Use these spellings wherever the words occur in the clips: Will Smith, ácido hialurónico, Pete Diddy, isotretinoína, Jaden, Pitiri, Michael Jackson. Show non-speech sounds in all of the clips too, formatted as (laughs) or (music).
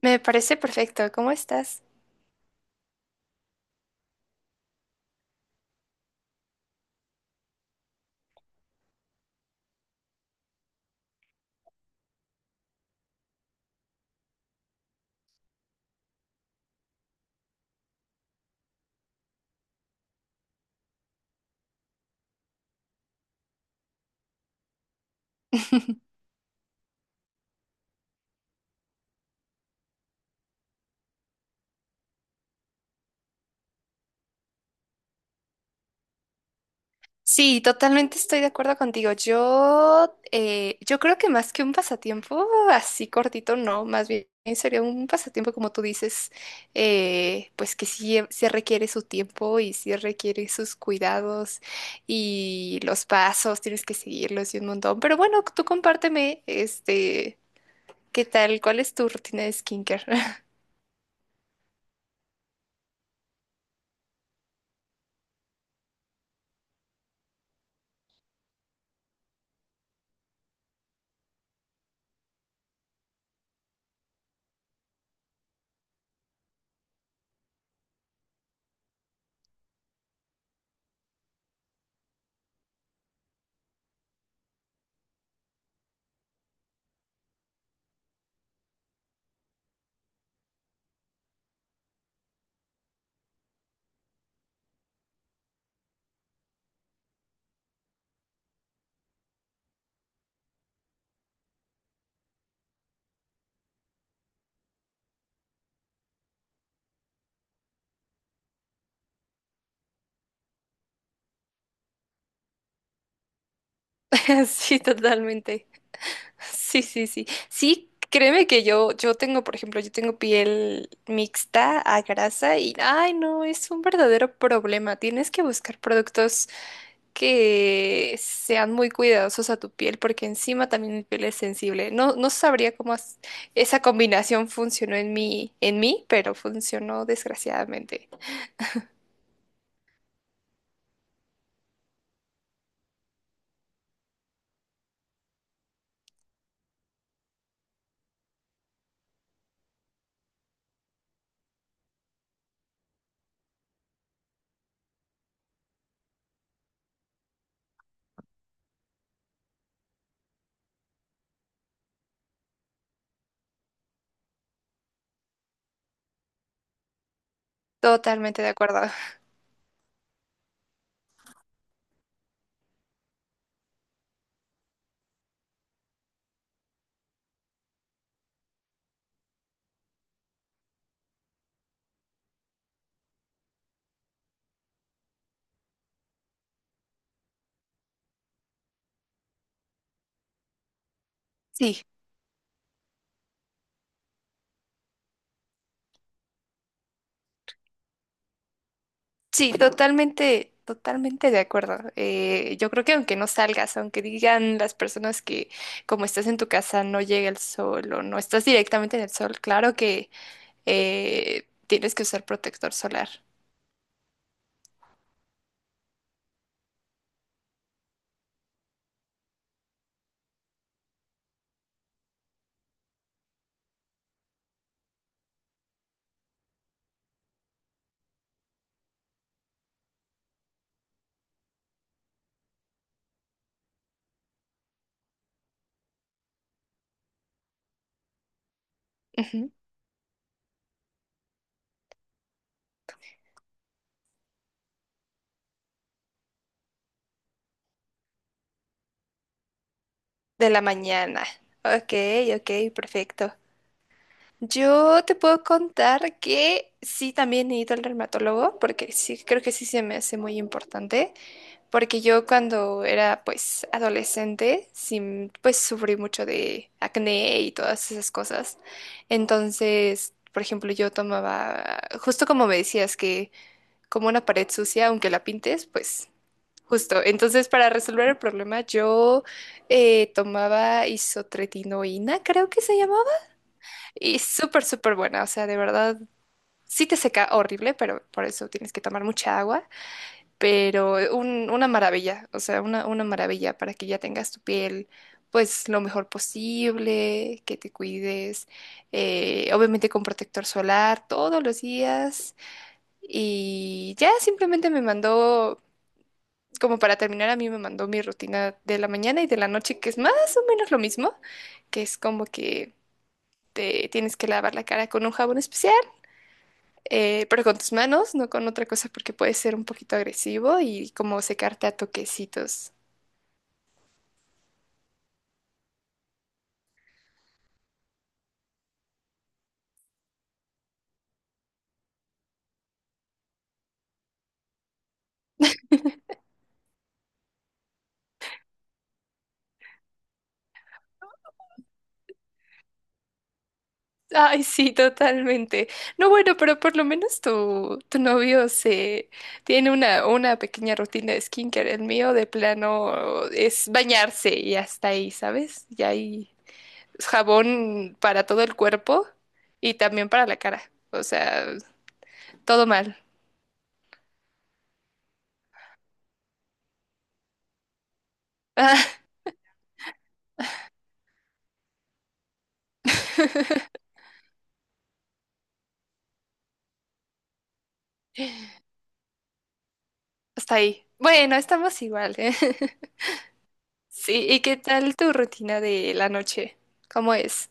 Me parece perfecto. ¿Cómo estás? Sí, totalmente estoy de acuerdo contigo. Yo creo que más que un pasatiempo así cortito, no, más bien sería un pasatiempo como tú dices, pues que sí, sí requiere su tiempo y sí requiere sus cuidados y los pasos, tienes que seguirlos y un montón. Pero bueno, tú compárteme, este, ¿qué tal? ¿Cuál es tu rutina de skincare? (laughs) Sí, totalmente. Sí, sí, sí. Sí, créeme que yo tengo, por ejemplo, yo tengo piel mixta a grasa y, ay, no, es un verdadero problema. Tienes que buscar productos que sean muy cuidadosos a tu piel porque encima también mi piel es sensible. No, no sabría cómo as- esa combinación funcionó en mí, pero funcionó desgraciadamente. Totalmente de acuerdo. Sí. Sí, totalmente, totalmente de acuerdo. Yo creo que aunque no salgas, aunque digan las personas que como estás en tu casa no llega el sol o no estás directamente en el sol, claro que tienes que usar protector solar. Ujú. De la mañana. Ok, ok, perfecto. Yo te puedo contar que sí, también he ido al dermatólogo porque sí, creo que sí se me hace muy importante. Porque yo cuando era pues adolescente, sí, pues sufrí mucho de acné y todas esas cosas. Entonces, por ejemplo, yo tomaba, justo como me decías, que como una pared sucia, aunque la pintes, pues justo. Entonces, para resolver el problema, yo tomaba isotretinoína, creo que se llamaba, y súper, súper buena. O sea, de verdad, sí te seca horrible, pero por eso tienes que tomar mucha agua pero un- una maravilla, o sea, una maravilla para que ya tengas tu piel pues lo mejor posible, que te cuides, obviamente con protector solar todos los días y ya simplemente me mandó, como para terminar, a mí me mandó mi rutina de la mañana y de la noche, que es más o menos lo mismo, que es como que... Te tienes que lavar la cara con un jabón especial, pero con tus manos, no con otra cosa porque puede ser un poquito agresivo y como secarte a toquecitos. Ay, sí, totalmente. No, bueno, pero por lo menos tu novio se tiene una pequeña rutina de skincare. El mío de plano es bañarse y hasta ahí, ¿sabes? Y hay jabón para todo el cuerpo y también para la cara. O sea, todo mal. Ah, (laughs) hasta ahí. Bueno, estamos igual, ¿eh? (laughs) Sí, ¿y qué tal tu rutina de la noche? ¿Cómo es?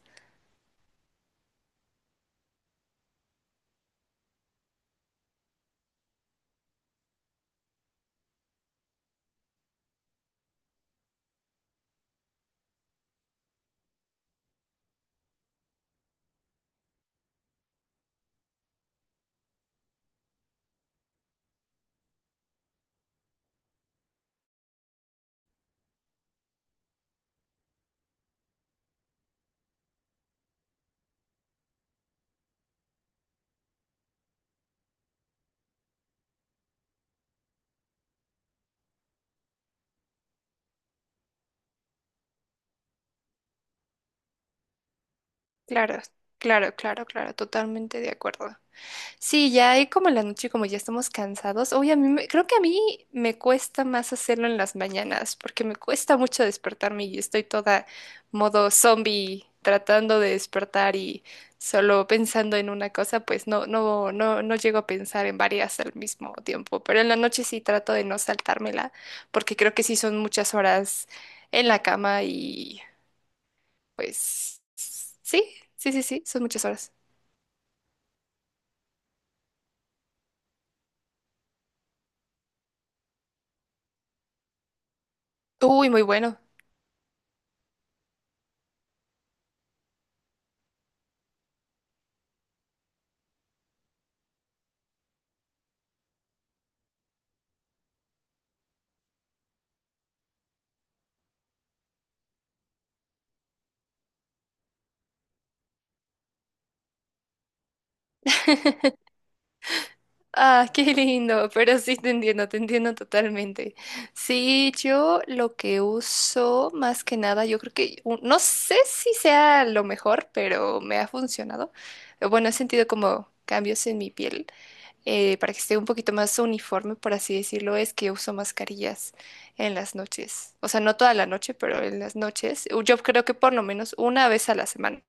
Claro, claro, claro, claro, totalmente de acuerdo. Sí, ya ahí como en la noche, como ya estamos cansados. Oye, a mí me- creo que a mí me cuesta más hacerlo en las mañanas, porque me cuesta mucho despertarme y estoy toda modo zombie tratando de despertar y solo pensando en una cosa, pues no, no, no, no llego a pensar en varias al mismo tiempo. Pero en la noche sí trato de no saltármela, porque creo que sí son muchas horas en la cama y pues sí, sí, sí, sí, son muchas horas. Uy, muy bueno. (laughs) Ah, (laughs) qué lindo, pero sí te entiendo totalmente. Sí, yo lo que uso más que nada, yo creo que, u- no sé si sea lo mejor, pero me ha funcionado. Bueno, he sentido como cambios en mi piel, para que esté un poquito más uniforme, por así decirlo, es que uso mascarillas en las noches. O sea, no toda la noche, pero en las noches. U- Yo creo que por lo menos una vez a la semana.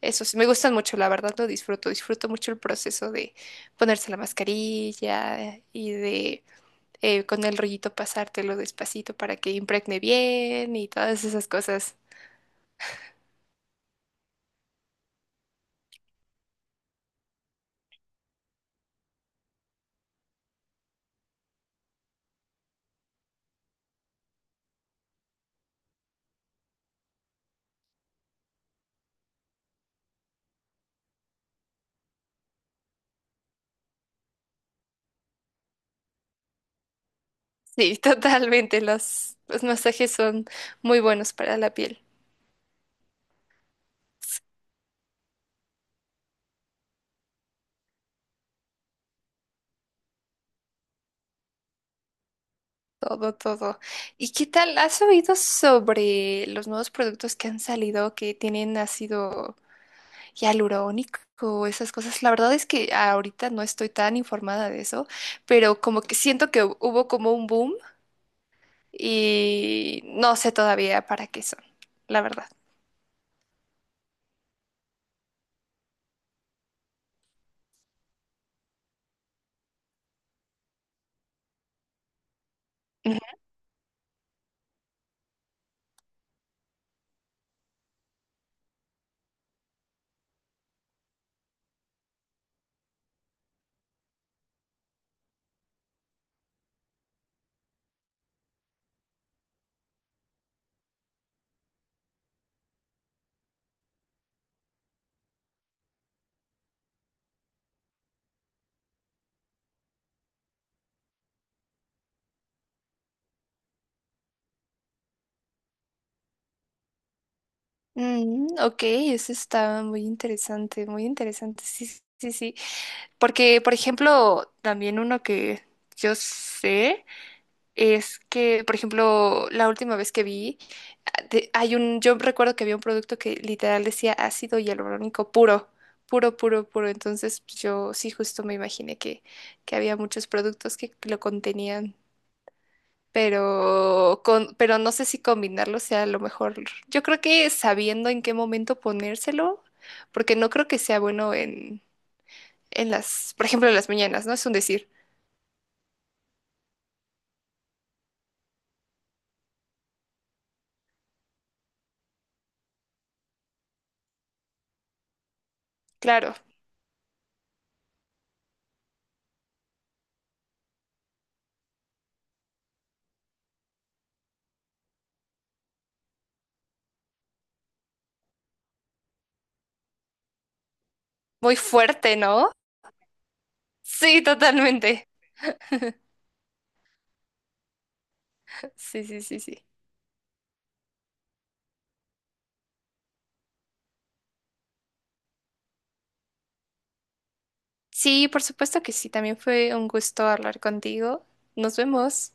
Eso sí, me gustan mucho, la verdad lo disfruto. Disfruto mucho el proceso de ponerse la mascarilla y de con el rollito pasártelo despacito para que impregne bien y todas esas cosas. Sí, (laughs) totalmente. Los masajes son muy buenos para la piel. Todo, todo. ¿Y qué tal? ¿Has oído sobre los nuevos productos que han salido que tienen ácido? Hialurónico, esas cosas. La verdad es que ahorita no estoy tan informada de eso, pero como que siento que hu- hubo como un boom y no sé todavía para qué son, la verdad. Ujú. Mm, ok, eso está muy interesante, muy interesante. Sí, sí, sí. Porque, por ejemplo, también uno que yo sé. Es que, por ejemplo, la última vez que vi, ah, de- hay un, yo recuerdo que había un producto que literal decía ácido hialurónico puro, puro, puro, puro. Entonces, pues, yo sí justo me imaginé que había muchos productos que lo contenían, pero con, pero no sé si combinarlo sea lo mejor. Yo creo que sabiendo en qué momento ponérselo, porque no creo que sea bueno en las, por ejemplo, en las mañanas, ¿no? Es un decir, claro, muy fuerte, ¿no? Sí, totalmente. Sí, sí, sí, sí. Sí, por supuesto que sí. También fue un gusto hablar contigo. Nos vemos.